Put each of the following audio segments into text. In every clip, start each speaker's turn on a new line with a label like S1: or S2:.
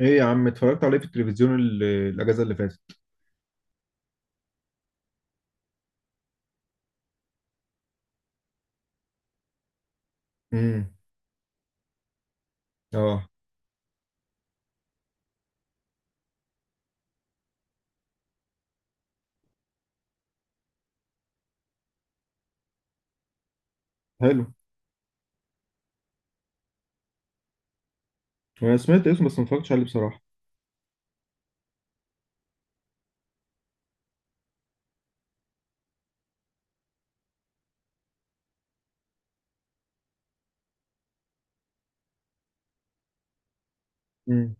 S1: ايه يا عم، اتفرجت عليه في التلفزيون الاجازه اللي فاتت. امم. اه. حلو. وانا سمعت اسمه بس ما اتفرجتش عليه بصراحه. امم.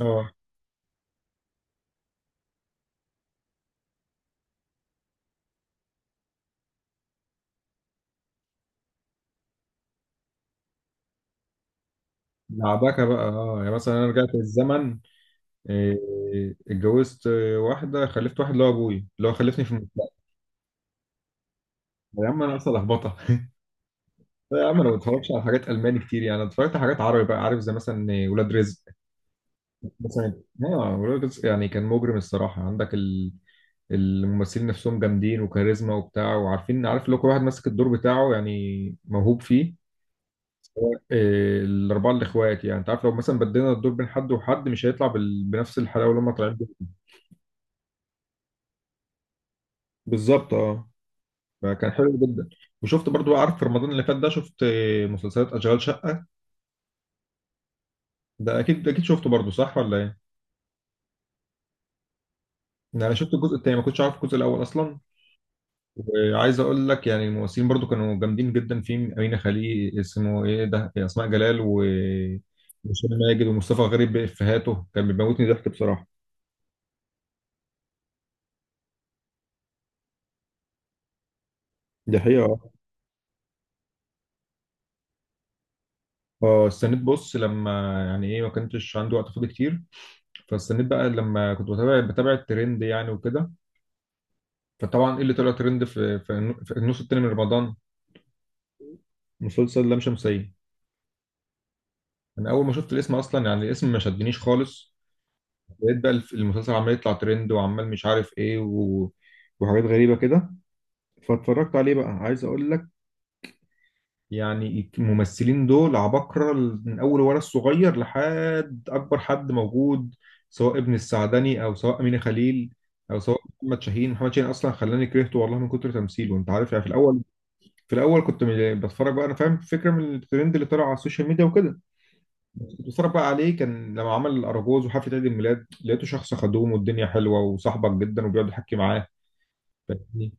S1: اه. لعبكه بقى. اه يعني مثلا انا رجعت بالزمن، إيه، اتجوزت واحده خلفت واحد اللي هو ابوي اللي هو خلفني في المستقبل. يا عم انا اصلا لخبطه. لا يا عم، انا ما بتفرجش على حاجات الماني كتير يعني، أنا اتفرجت على حاجات عربي بقى، عارف؟ زي مثلا ولاد رزق. مثلا اه ولاد رزق يعني كان مجرم الصراحه، عندك الممثلين نفسهم جامدين وكاريزما وبتاع، وعارفين، عارف اللي هو كل واحد ماسك الدور بتاعه يعني موهوب فيه. سواء، الاربعه الاخوات، يعني انت عارف لو مثلا بدينا الدور بين حد وحد مش هيطلع بنفس الحلاوه اللي هم طالعين بيها. بالظبط اه. فكان حلو جدا. وشفت برضو، عارف، في رمضان اللي فات ده شفت مسلسلات اشغال شقه. ده اكيد اكيد شفته برضو صح ولا ايه؟ يعني انا شفت الجزء الثاني، ما كنتش عارف الجزء الاول اصلا. وعايز اقول لك يعني الممثلين برضو كانوا جامدين جدا، في امينه خليل، اسمه ايه ده، اسماء جلال وهشام ماجد ومصطفى غريب بافيهاته كان بيموتني ضحك بصراحه. دي حقيقة اه. اه استنيت، بص، لما يعني ايه، ما كنتش عندي وقت فاضي كتير، فاستنيت بقى لما كنت بتابع الترند يعني وكده. فطبعا ايه اللي طلع ترند في في النص التاني من رمضان؟ مسلسل لام شمسية. انا اول ما شفت الاسم اصلا يعني الاسم ما شدنيش خالص. لقيت بقى المسلسل عمال يطلع ترند وعمال مش عارف ايه و... وحاجات غريبة كده. فاتفرجت عليه بقى. عايز اقول لك يعني الممثلين دول عباقرة من اول ولد صغير لحد اكبر حد موجود، سواء ابن السعدني او سواء امينة خليل او سواء محمد شاهين اصلا خلاني كرهته والله من كتر تمثيله، انت عارف يعني، في الاول كنت بتفرج بقى، انا فاهم فكرة من الترند اللي طلع على السوشيال ميديا وكده. كنت بتفرج بقى عليه، كان لما عمل الاراجوز وحفله عيد الميلاد، لقيته شخص خدوم والدنيا حلوه وصاحبك جدا وبيقعد يحكي معاه، فاهمني؟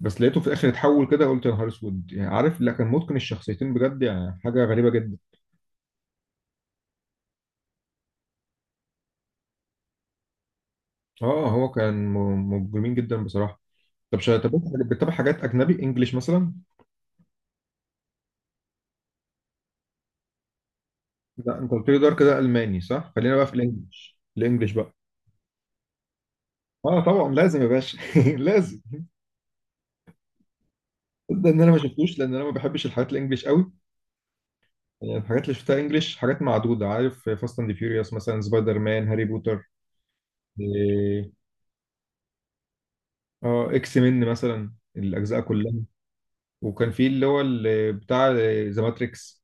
S1: بس لقيته في الاخر اتحول كده، قلت يا نهار اسود. يعني عارف، لا كان متقن الشخصيتين بجد، يعني حاجه غريبه جدا. اه هو كان مجرمين جدا بصراحه. طب انت بتتابع حاجات اجنبي انجليش مثلا؟ لا انت قلت لي دار كده الماني، صح؟ خلينا بقى في الانجليش، الانجليش بقى. اه طبعا لازم يا باشا. لازم. ده ان انا ما شفتوش لان انا ما بحبش الحاجات الانجليش قوي. يعني الحاجات اللي شفتها انجليش حاجات معدودة، عارف؟ فاست اند فيوريوس مثلا، سبايدر مان، هاري بوتر، إيه، اه اكس مين مثلا الاجزاء كلها. وكان في اللي هو اللي بتاع ذا ماتريكس.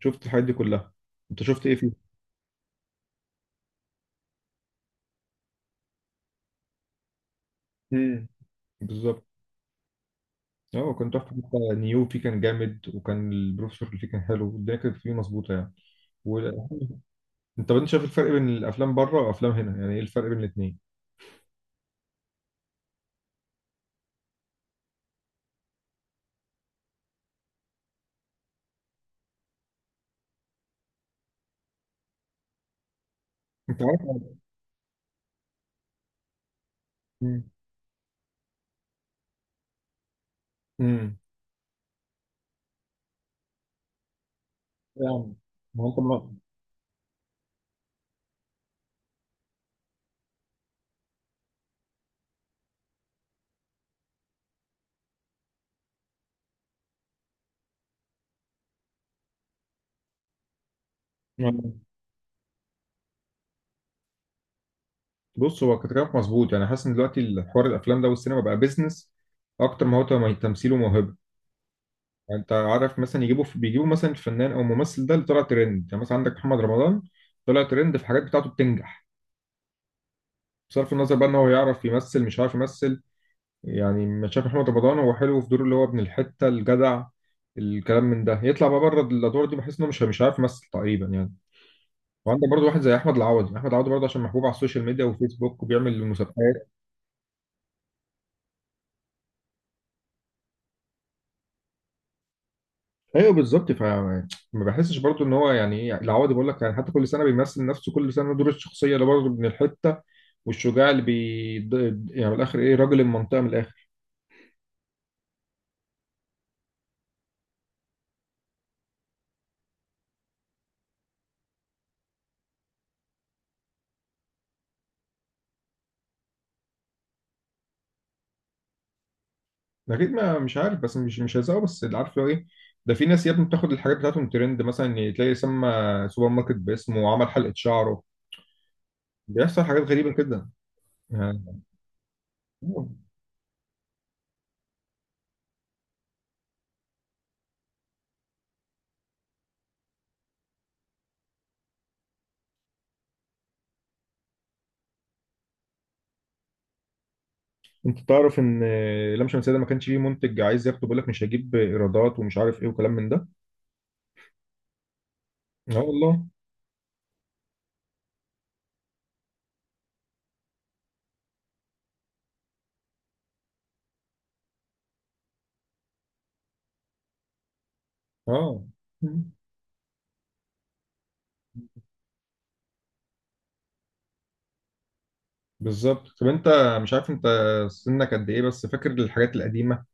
S1: شفت الحاجات دي كلها. انت شفت ايه فيه؟ امم. بالظبط. اه كان تحفة، حتى نيو فيه كان جامد، وكان البروفيسور اللي فيه كان حلو، الدنيا كانت فيه مظبوطة يعني. و... انت طب انت شايف الفرق بين الافلام بره وافلام هنا؟ يعني ايه الفرق بين الاثنين؟ انت عارف. امم. امم. يعني ما انت. ما... بص هو كلامك مظبوط، يعني حاسس ان دلوقتي الحوار الافلام ده والسينما بقى بيزنس اكتر ما هو تمثيل وموهبه. يعني انت عارف مثلا، يجيبوا بيجيبوا مثلا الفنان او الممثل ده اللي طلع ترند، يعني مثلا عندك محمد رمضان طلع ترند في حاجات بتاعته بتنجح، بصرف النظر بقى ان هو يعرف يمثل مش عارف يمثل. يعني ما شايف محمد رمضان هو حلو في دوره اللي هو ابن الحته الجدع، الكلام من ده، يطلع بقى بره الادوار دي بحس انه مش عارف يمثل تقريبا يعني. وعندك برضه واحد زي احمد العوضي برضه عشان محبوب على السوشيال ميديا وفيسبوك وبيعمل مسابقات. ايوه بالظبط، فما بحسش برضو ان هو يعني ايه، العوضي بقول لك يعني، حتى كل سنه بيمثل نفسه، كل سنه دور الشخصيه اللي برضه من الحته، والشجاع اللي يعني من الاخر ايه، راجل المنطقه من الاخر. اكيد، ما مش عارف بس مش هيزقه، بس اللي عارف لو ايه. ده في ناس يا ابني بتاخد الحاجات بتاعتهم ترند، مثلا تلاقي سمى سوبر ماركت باسمه وعمل حلقه شعره. بيحصل حاجات غريبه كده يعني. انت تعرف ان لام شمسية ده ما كانش فيه منتج عايز ياخده، بيقول لك مش هجيب ايرادات ومش عارف ايه وكلام من ده. اه والله. اه بالظبط. طب انت مش عارف انت سنك قد ايه، بس فاكر الحاجات القديمه،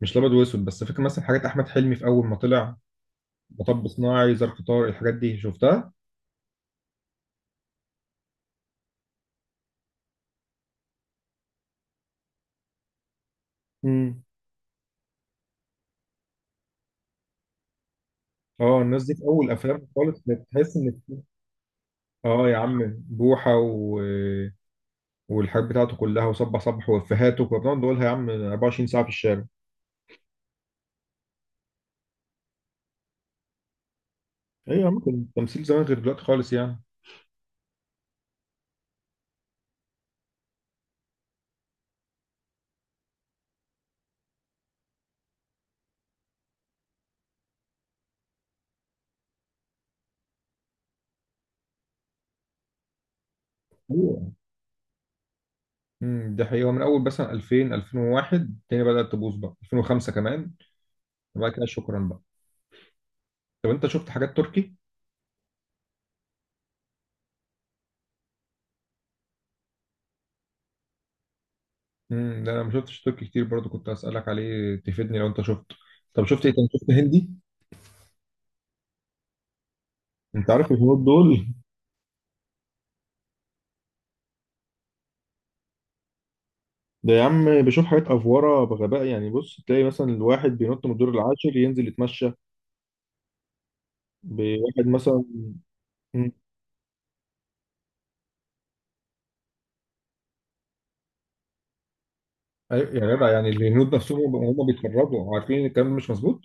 S1: مش الابيض واسود، بس فاكر مثلا حاجات احمد حلمي في اول ما طلع؟ مطب صناعي، ظرف طارق، الحاجات دي شفتها؟ امم. اه الناس دي في اول افلام خالص كانت تحس ان، اه يا عم بوحه و... والحاجات بتاعته كلها، وصبح صبح، وافيهاته كنا بنقعد نقولها يا عم 24 ساعه في الشارع. ايوه يا عم، كان التمثيل زمان غير دلوقتي خالص يعني. ايوه. امم. ده حقيقي، هو من اول مثلا 2000، 2001 الدنيا بدات تبوظ بقى، 2005 كمان وبعد كده شكرا. طب انت شفت حاجات تركي؟ امم. ده انا ما شفتش تركي كتير برضو، كنت اسالك عليه تفيدني لو انت شفته. طب شفت ايه تاني؟ شفت هندي؟ انت عارف الهنود دول، ده يا عم بيشوف حاجات افوره بغباء يعني. بص تلاقي مثلا الواحد بينط من الدور العاشر ينزل يتمشى بواحد مثلا. مم. ايوه يا جدع، يعني الهنود نفسهم هم بيتفرجوا عارفين ان الكلام مش مظبوط؟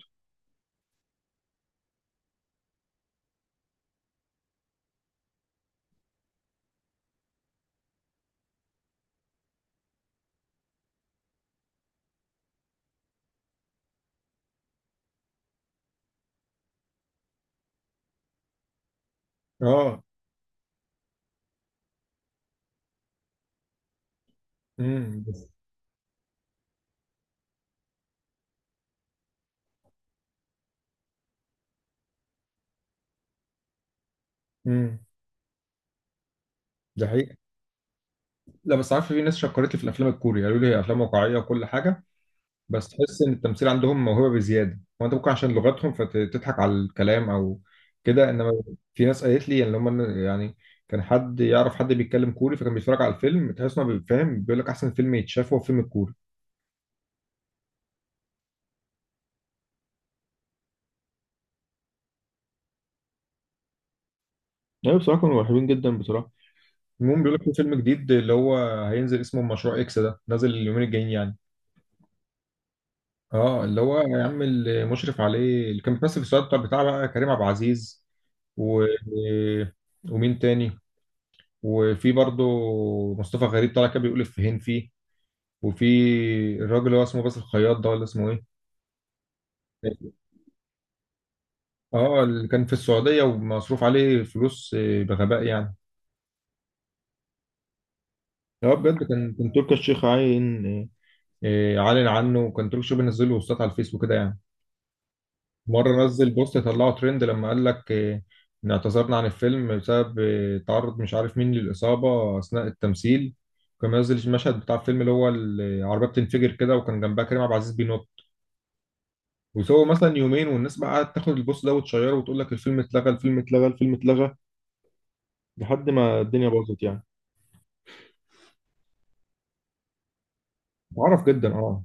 S1: اه. امم. بس. امم. ده حقيقي. لا بس عارف، في ناس شكرت لي في الافلام الكوري قالوا لي هي افلام واقعيه وكل حاجه، بس تحس ان التمثيل عندهم موهبه بزياده. هو انت ممكن عشان لغتهم فتضحك على الكلام او كده، انما في ناس قالت لي يعني لما يعني كان حد يعرف حد بيتكلم كوري، فكان بيتفرج على الفيلم تحس انه فاهم، بيقول لك احسن فيلم يتشاف هو فيلم الكوري. ايوه بصراحه كانوا حلوين جدا بصراحه. المهم بيقول لك في فيلم جديد، اللي هو هينزل، اسمه مشروع اكس، ده نازل اليومين الجايين يعني. اه اللي هو يا عم اللي مشرف عليه اللي كان بيمثل في السؤال، بتاع بقى كريم عبد العزيز و... ومين تاني؟ وفي برضو مصطفى غريب طالع كده بيقول افيهين فيه، وفي الراجل اللي هو اسمه باسل الخياط، ده ولا اسمه ايه. اه اللي كان في السعودية ومصروف عليه فلوس بغباء يعني. هو بجد كان، تركي الشيخ عاين، عالن عنه، وكان تركي الشيخ بينزل له بوستات على الفيسبوك كده يعني. مرة نزل بوست طلعه ترند لما قال لك إن اعتذرنا عن الفيلم بسبب تعرض مش عارف مين للإصابة أثناء التمثيل. كان منزل المشهد بتاع الفيلم اللي هو العربية بتنفجر كده وكان جنبها كريم عبد العزيز بينط. وسووا مثلا يومين والناس بقى قعدت تاخد البوست ده وتشيره وتقول لك الفيلم اتلغى، الفيلم اتلغى، الفيلم اتلغى، لحد ما الدنيا باظت يعني. معرف جدا اه.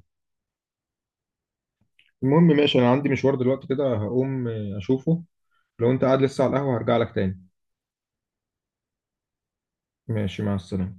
S1: المهم ماشي، انا عندي مشوار دلوقتي كده، هقوم اشوفه. لو انت قاعد لسه على القهوة هرجع لك تاني. ماشي، مع السلامة.